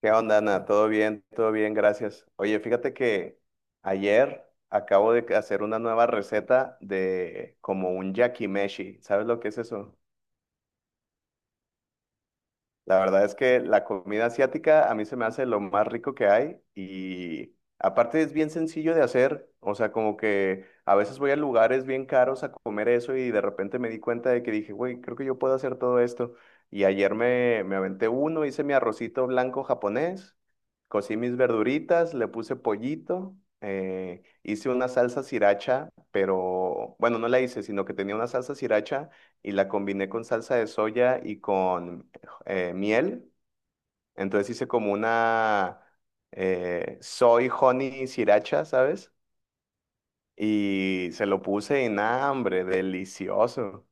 ¿Qué onda, Ana? ¿Todo bien? Todo bien, gracias. Oye, fíjate que ayer acabo de hacer una nueva receta de como un yakimeshi. ¿Sabes lo que es eso? La verdad es que la comida asiática a mí se me hace lo más rico que hay, y aparte es bien sencillo de hacer, o sea, como que a veces voy a lugares bien caros a comer eso y de repente me di cuenta de que dije, güey, creo que yo puedo hacer todo esto. Y ayer me aventé uno, hice mi arrocito blanco japonés, cocí mis verduritas, le puse pollito, hice una salsa sriracha, pero bueno, no la hice, sino que tenía una salsa sriracha y la combiné con salsa de soya y con miel. Entonces hice como una soy honey sriracha, ¿sabes? Y se lo puse en hambre, delicioso.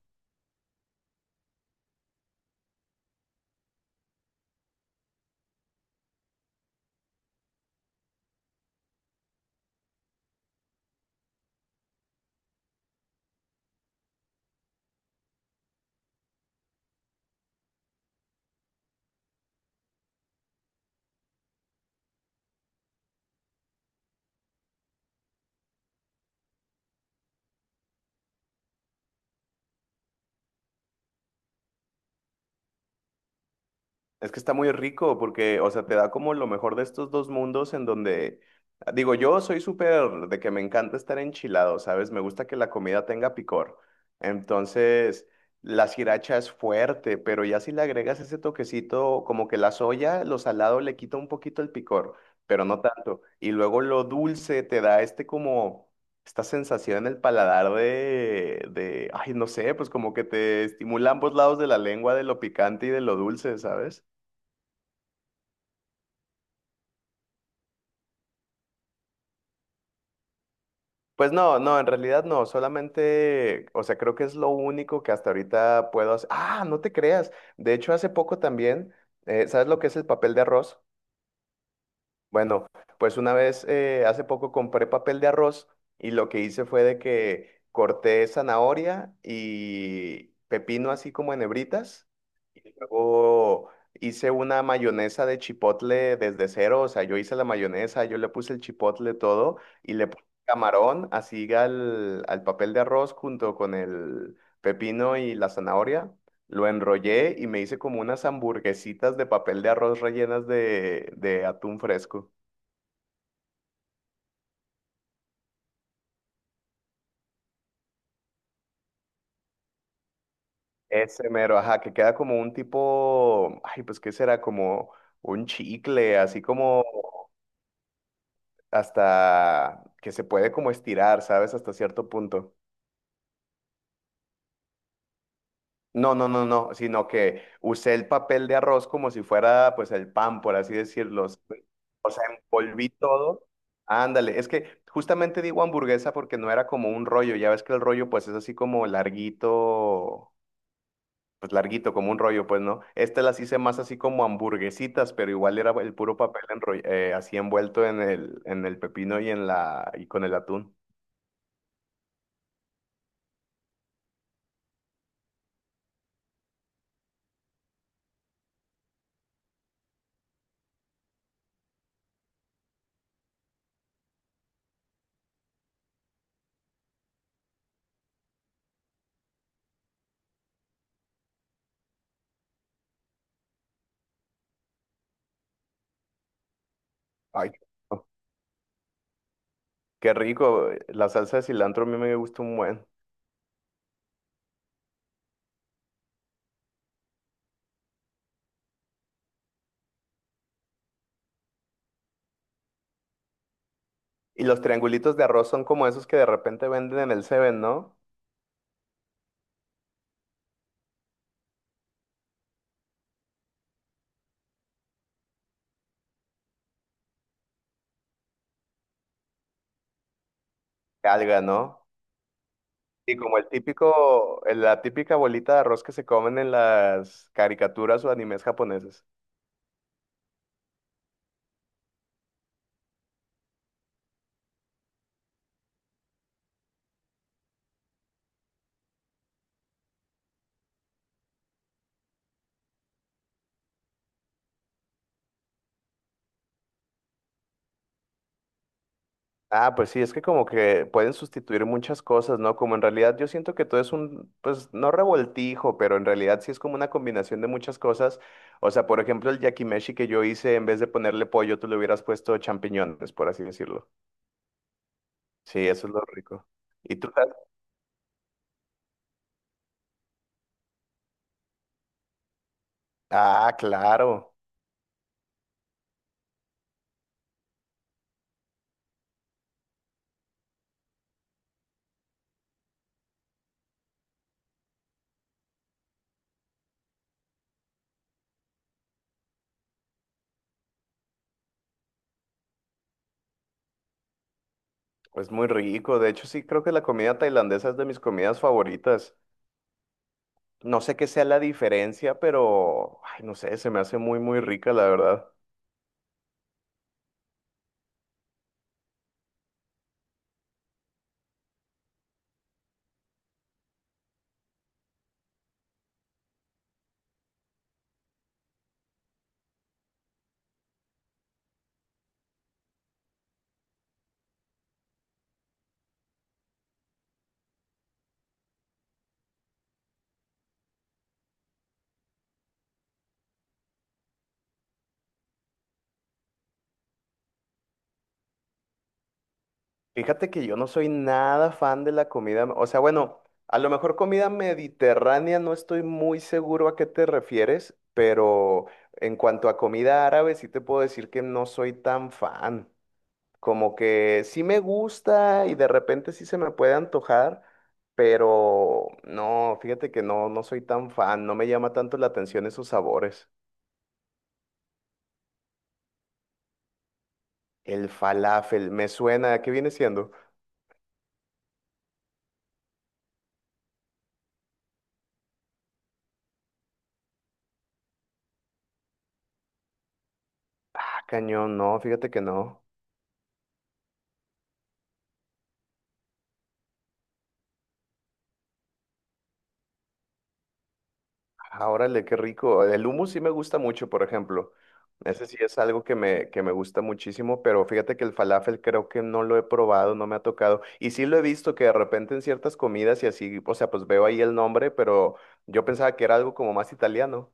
Es que está muy rico porque, o sea, te da como lo mejor de estos dos mundos en donde, digo, yo soy súper de que me encanta estar enchilado, ¿sabes? Me gusta que la comida tenga picor. Entonces, la sriracha es fuerte, pero ya si le agregas ese toquecito, como que la soya, lo salado le quita un poquito el picor, pero no tanto. Y luego lo dulce te da este como, esta sensación en el paladar ay, no sé, pues como que te estimula ambos lados de la lengua, de lo picante y de lo dulce, ¿sabes? Pues no, no, en realidad no, solamente, o sea, creo que es lo único que hasta ahorita puedo hacer. Ah, no te creas. De hecho, hace poco también, ¿sabes lo que es el papel de arroz? Bueno, pues una vez, hace poco compré papel de arroz y lo que hice fue de que corté zanahoria y pepino así como en hebritas. Luego hice una mayonesa de chipotle desde cero, o sea, yo hice la mayonesa, yo le puse el chipotle todo, y le puse camarón así al papel de arroz junto con el pepino y la zanahoria. Lo enrollé y me hice como unas hamburguesitas de papel de arroz rellenas de atún fresco. Ese mero, ajá, que queda como un tipo, ay, pues, ¿qué será? Como un chicle, así como hasta que se puede como estirar, ¿sabes? Hasta cierto punto. No, no, no, no, sino que usé el papel de arroz como si fuera pues el pan, por así decirlo, ¿sabes? O sea, envolví todo. Ándale, es que justamente digo hamburguesa porque no era como un rollo, ya ves que el rollo pues es así como larguito, pues larguito, como un rollo, pues no. Este, las hice más así como hamburguesitas, pero igual era el puro papel así envuelto en el pepino y y con el atún. Ay, no. Qué rico, la salsa de cilantro a mí me gusta un buen. Y los triangulitos de arroz son como esos que de repente venden en el Seven, ¿no? Alga, ¿no? Y como el típico, la típica bolita de arroz que se comen en las caricaturas o animes japoneses. Ah, pues sí, es que como que pueden sustituir muchas cosas, ¿no? Como en realidad yo siento que todo es pues no revoltijo, pero en realidad sí es como una combinación de muchas cosas. O sea, por ejemplo, el yakimeshi que yo hice, en vez de ponerle pollo, tú le hubieras puesto champiñones, por así decirlo. Sí, eso es lo rico. ¿Y tú sabes? Ah, claro, es muy rico. De hecho, sí, creo que la comida tailandesa es de mis comidas favoritas. No sé qué sea la diferencia, pero, ay, no sé, se me hace muy, muy rica, la verdad. Fíjate que yo no soy nada fan de la comida, o sea, bueno, a lo mejor comida mediterránea, no estoy muy seguro a qué te refieres, pero en cuanto a comida árabe, sí te puedo decir que no soy tan fan. Como que sí me gusta y de repente sí se me puede antojar, pero no, fíjate que no, no soy tan fan, no me llama tanto la atención esos sabores. El falafel, me suena, ¿qué viene siendo? Ah, cañón, no, fíjate que no. Ah, órale, qué rico. El hummus sí me gusta mucho, por ejemplo. Ese sí es algo que me gusta muchísimo, pero fíjate que el falafel creo que no lo he probado, no me ha tocado. Y sí lo he visto que de repente en ciertas comidas y así, o sea, pues veo ahí el nombre, pero yo pensaba que era algo como más italiano.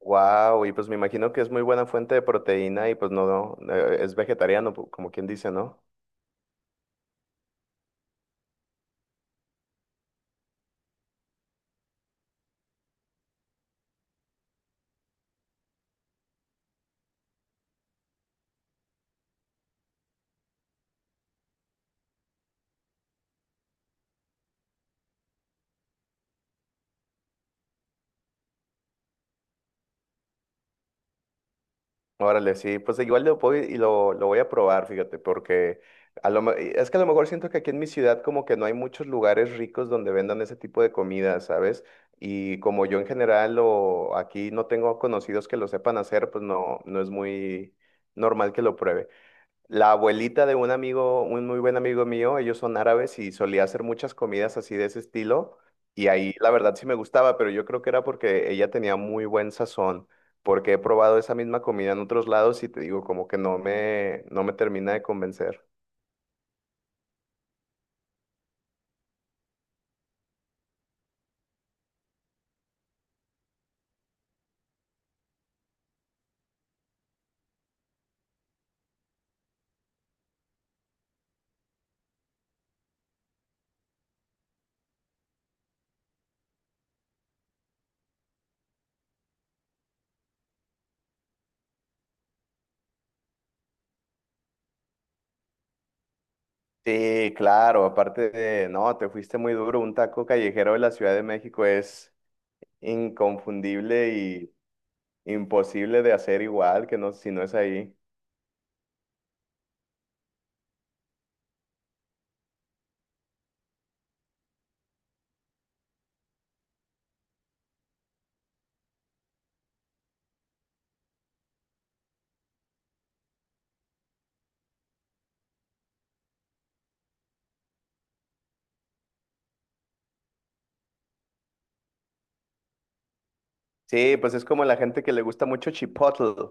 Wow, y pues me imagino que es muy buena fuente de proteína y pues no, no, es vegetariano, como quien dice, ¿no? Órale, sí, pues igual lo voy, y lo voy a probar, fíjate, porque a lo, me- es que a lo mejor siento que aquí en mi ciudad como que no hay muchos lugares ricos donde vendan ese tipo de comida, ¿sabes? Y como yo en general o aquí no tengo conocidos que lo sepan hacer, pues no, no es muy normal que lo pruebe. La abuelita de un amigo, un muy buen amigo mío, ellos son árabes y solía hacer muchas comidas así de ese estilo. Y ahí la verdad sí me gustaba, pero yo creo que era porque ella tenía muy buen sazón, porque he probado esa misma comida en otros lados y te digo, como que no me termina de convencer. Sí, claro, aparte de, no, te fuiste muy duro, un taco callejero de la Ciudad de México es inconfundible y imposible de hacer igual, que no, si no es ahí. Sí, pues es como la gente que le gusta mucho Chipotle,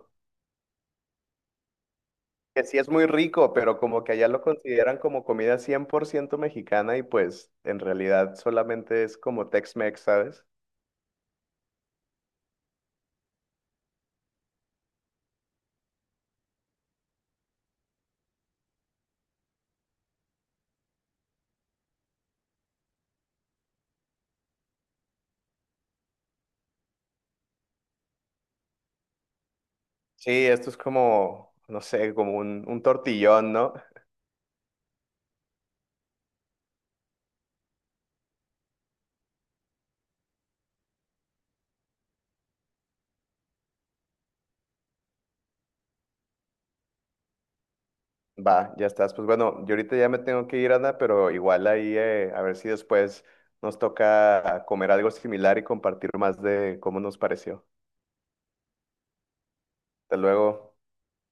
que sí es muy rico, pero como que allá lo consideran como comida 100% mexicana y pues en realidad solamente es como Tex-Mex, ¿sabes? Sí, esto es como, no sé, como un tortillón, ¿no? Va, ya estás. Pues bueno, yo ahorita ya me tengo que ir, Ana, pero igual ahí a ver si después nos toca comer algo similar y compartir más de cómo nos pareció. Hasta luego.